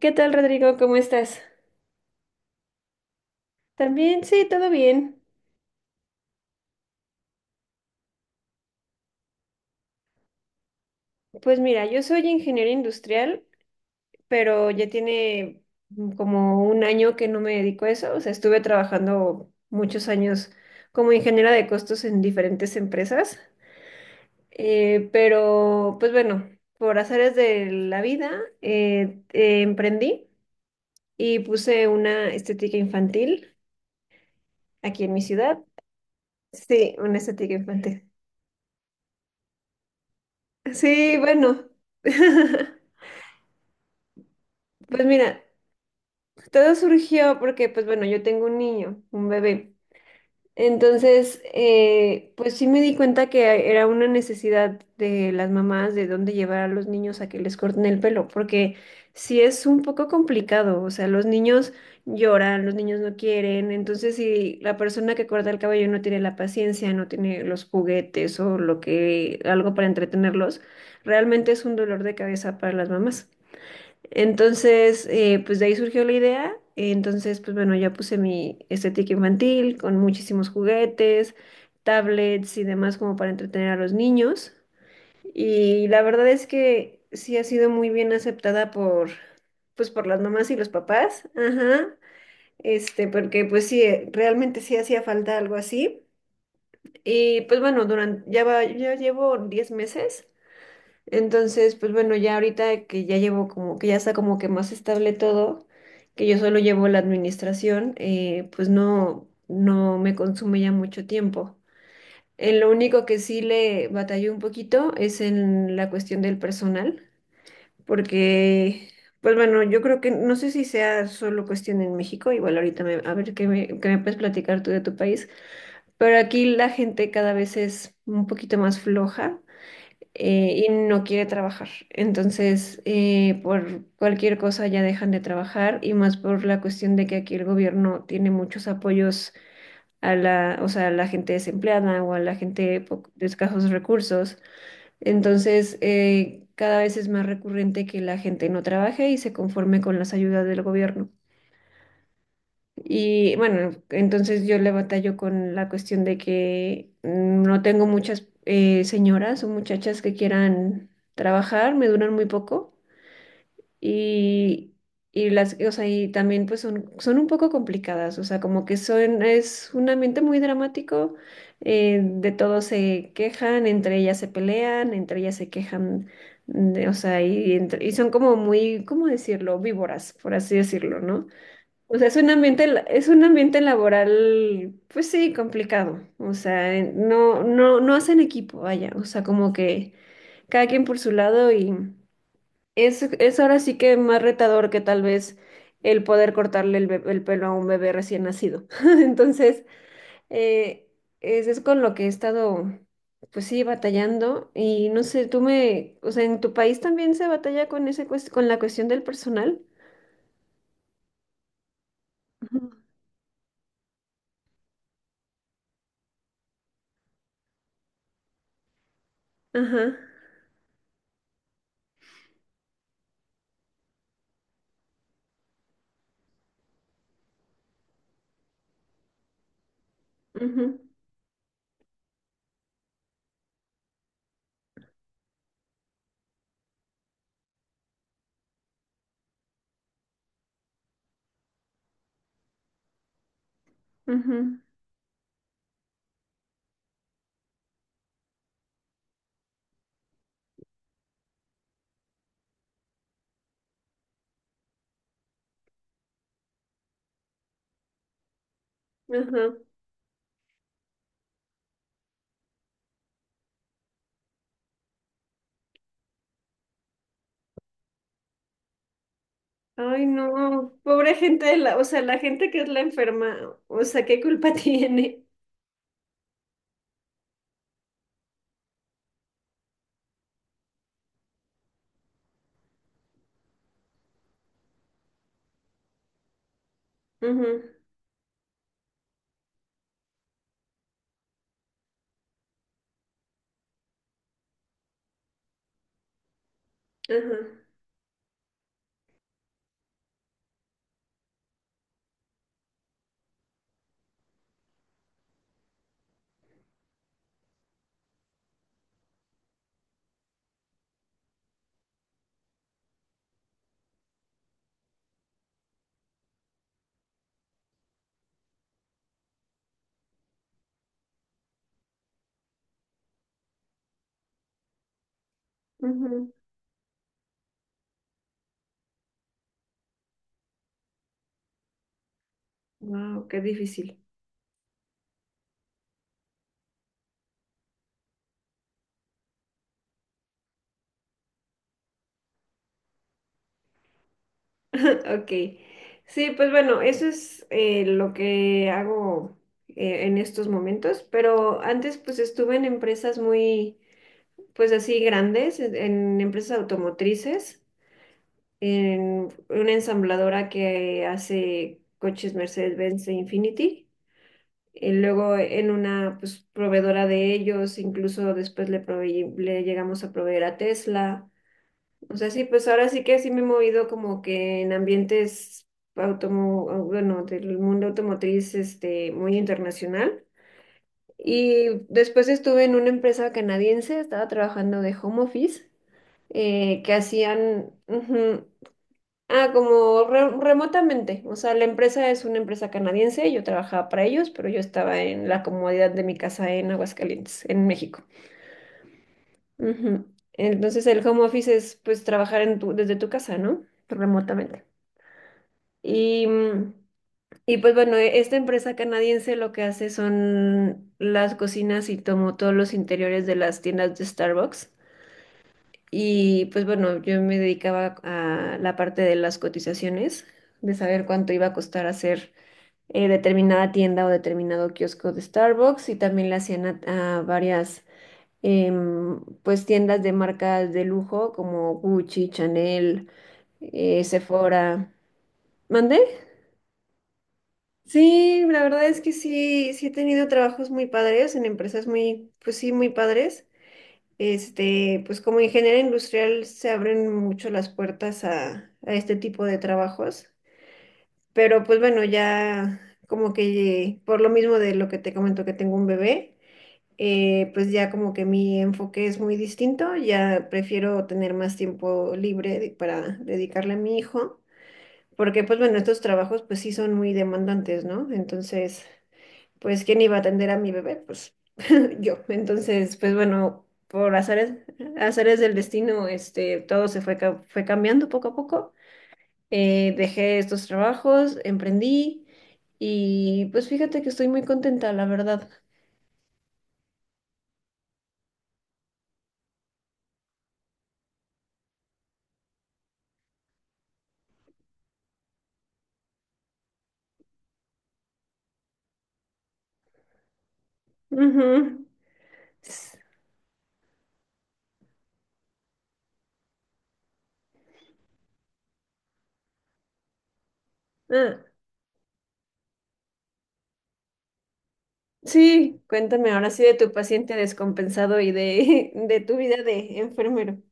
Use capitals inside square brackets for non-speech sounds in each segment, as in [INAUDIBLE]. ¿Qué tal, Rodrigo? ¿Cómo estás? También, sí, todo bien. Pues mira, yo soy ingeniero industrial, pero ya tiene como un año que no me dedico a eso. O sea, estuve trabajando muchos años como ingeniera de costos en diferentes empresas. Pues bueno, por azares de la vida, emprendí y puse una estética infantil aquí en mi ciudad. Sí, una estética infantil. Sí, bueno. [LAUGHS] Pues mira. Todo surgió porque, pues bueno, yo tengo un niño, un bebé. Entonces, pues sí me di cuenta que era una necesidad de las mamás de dónde llevar a los niños a que les corten el pelo, porque sí es un poco complicado, o sea, los niños lloran, los niños no quieren. Entonces si la persona que corta el cabello no tiene la paciencia, no tiene los juguetes o lo que, algo para entretenerlos, realmente es un dolor de cabeza para las mamás. Entonces, pues de ahí surgió la idea. Entonces, pues bueno, ya puse mi estética infantil con muchísimos juguetes, tablets y demás como para entretener a los niños. Y la verdad es que sí ha sido muy bien aceptada por, pues por las mamás y los papás. Ajá. Este, porque pues sí, realmente sí hacía falta algo así. Y pues bueno, durante, ya va, ya llevo 10 meses. Entonces, pues bueno, ya ahorita que ya llevo como que ya está como que más estable todo, que yo solo llevo la administración, pues no, no me consume ya mucho tiempo. En lo único que sí le batallé un poquito es en la cuestión del personal, porque, pues bueno, yo creo que no sé si sea solo cuestión en México, igual ahorita me- a ver qué me puedes platicar tú de tu país, pero aquí la gente cada vez es un poquito más floja y no quiere trabajar. Entonces, por cualquier cosa ya dejan de trabajar y más por la cuestión de que aquí el gobierno tiene muchos apoyos a la, o sea, a la gente desempleada o a la gente po- de escasos recursos. Entonces, cada vez es más recurrente que la gente no trabaje y se conforme con las ayudas del gobierno. Y bueno, entonces yo le batallo con la cuestión de que no tengo muchas señoras o muchachas que quieran trabajar, me duran muy poco y, y las, o sea, y también pues son, son un poco complicadas, o sea, como que son, es un ambiente muy dramático, de todos se quejan, entre ellas se pelean, entre ellas se quejan, de- o sea, y, entre- y son como muy, ¿cómo decirlo? Víboras, por así decirlo, ¿no? O sea, es un ambiente, la- es un ambiente laboral, pues sí, complicado. O sea, en- no, no, no hacen equipo, vaya. O sea, como que cada quien por su lado y es ahora sí que más retador que tal vez el poder cortarle el, be- el pelo a un bebé recién nacido. [LAUGHS] Entonces, eh, es con lo que he estado, pues sí, batallando. Y no sé, tú me, o sea, ¿en tu país también se batalla con ese, cues- con la cuestión del personal? Ujú. Ajá. Ujú, ujú. Ajá. Ay, no, pobre gente de la, o sea, la gente que es la enferma, o sea, ¿qué culpa [LAUGHS] tiene? Ujú, ajá, wow, qué difícil. [LAUGHS] Ok. Sí, pues bueno, eso es lo que hago en estos momentos, pero antes pues estuve en empresas muy, pues así grandes, en empresas automotrices, en una ensambladora que hace coches Mercedes-Benz e Infiniti. Luego en una pues, proveedora de ellos, incluso después le, proveí- le llegamos a proveer a Tesla. O sea, sí, pues ahora sí que sí me he movido como que en ambientes automo bueno, del mundo automotriz este, muy internacional. Y después estuve en una empresa canadiense, estaba trabajando de home office, que hacían, ujú. Ah, como re- remotamente. O sea, la empresa es una empresa canadiense, yo trabajaba para ellos, pero yo estaba en la comodidad de mi casa en Aguascalientes, en México. Ujú. Entonces el home office es pues trabajar en tu- desde tu casa, ¿no? Remotamente. Y, y pues bueno, e- esta empresa canadiense lo que hace son las cocinas y tomó todos los interiores de las tiendas de Starbucks. Y pues bueno, yo me dedicaba a la parte de las cotizaciones, de saber cuánto iba a costar hacer determinada tienda o determinado kiosco de Starbucks y también le hacían a varias pues tiendas de marcas de lujo como Gucci, Chanel, Sephora. ¿Mandé? Sí, la verdad es que sí, sí he tenido trabajos muy padres en empresas muy, pues sí, muy padres. Este, pues como ingeniera industrial se abren mucho las puertas a este tipo de trabajos, pero pues bueno, ya como que por lo mismo de lo que te comento que tengo un bebé, pues ya como que mi enfoque es muy distinto, ya prefiero tener más tiempo libre de- para dedicarle a mi hijo, porque pues bueno, estos trabajos pues sí son muy demandantes, ¿no? Entonces, pues ¿quién iba a atender a mi bebé? Pues [LAUGHS] yo. Entonces, pues bueno, por azares, azares del destino, este, todo se fue, ca- fue cambiando poco a poco. Dejé estos trabajos, emprendí y pues fíjate que estoy muy contenta, la verdad. Ujú. S- ah. Sí, cuéntame ahora sí de tu paciente descompensado y de, [LAUGHS] de tu vida de enfermero.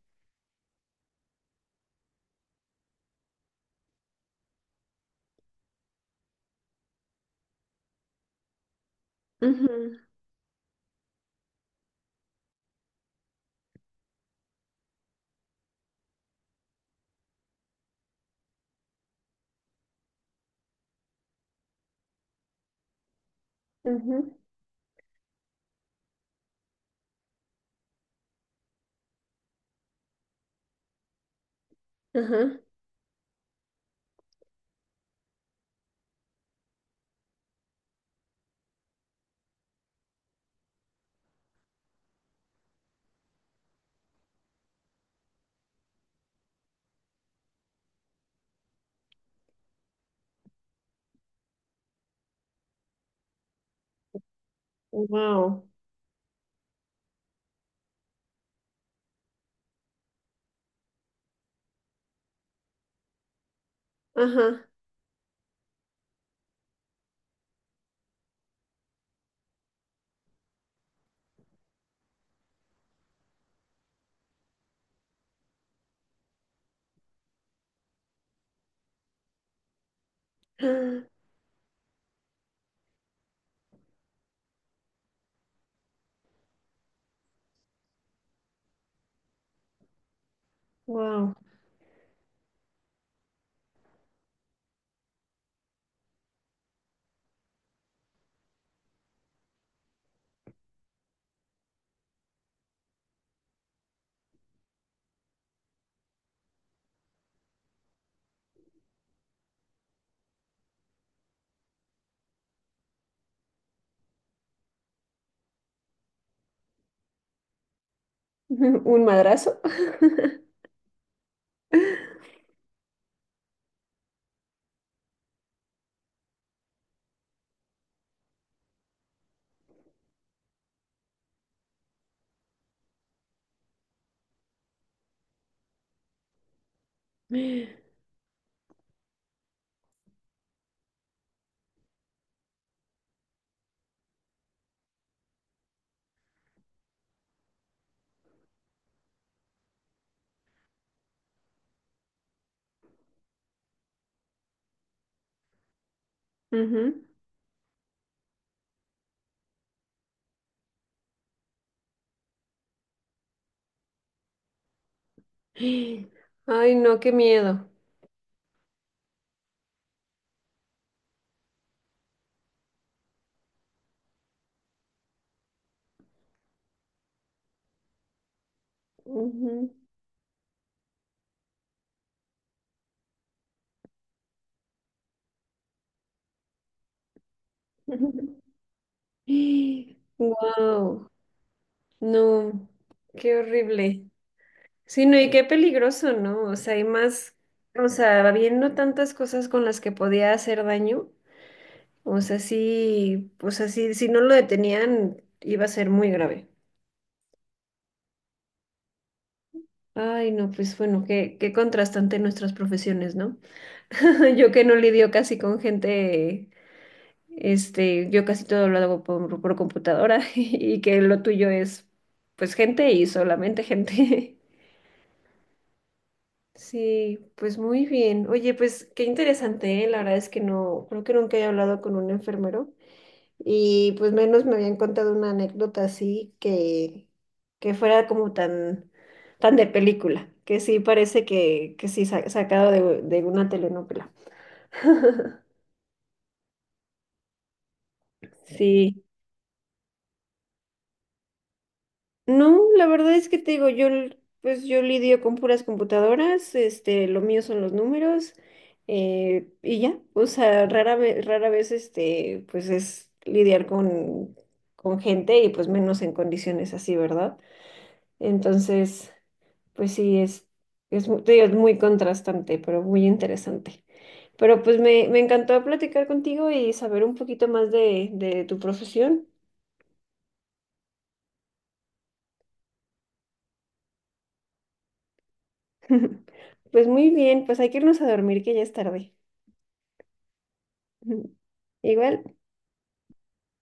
Ujú, ujú, ajá. Wow. Ajá. Wow. [LAUGHS] ¿Un madrazo? [LAUGHS] Ujú. Ay, no, qué miedo. Wow. [LAUGHS] No, qué horrible. Sí, no, y qué peligroso, ¿no? O sea, hay más, o sea, habiendo tantas cosas con las que podía hacer daño. O sea, sí, si no lo detenían, iba a ser muy grave. Ay, no, pues bueno, qué, qué contrastante nuestras profesiones, ¿no? [LAUGHS] Yo que no lidio casi con gente, este, yo casi todo lo hago por computadora [LAUGHS] y que lo tuyo es, pues, gente y solamente gente. [LAUGHS] Sí, pues muy bien. Oye, pues qué interesante, ¿eh? La verdad es que no, creo que nunca he hablado con un enfermero. Y pues menos me habían contado una anécdota así que fuera como tan, tan de película, que sí parece que sí sa- sacado de una telenovela. [LAUGHS] Sí. No, la verdad es que te digo, yo l- pues yo lidio con puras computadoras, este, lo mío son los números, y ya. O sea, rara vez este, pues es lidiar con gente y pues menos en condiciones así, ¿verdad? Entonces, pues sí, es, mu- te digo, es muy contrastante, pero muy interesante. Pero pues me encantó platicar contigo y saber un poquito más de tu profesión. [LAUGHS] Pues muy bien, pues hay que irnos a dormir que ya es tarde. [LAUGHS] Igual.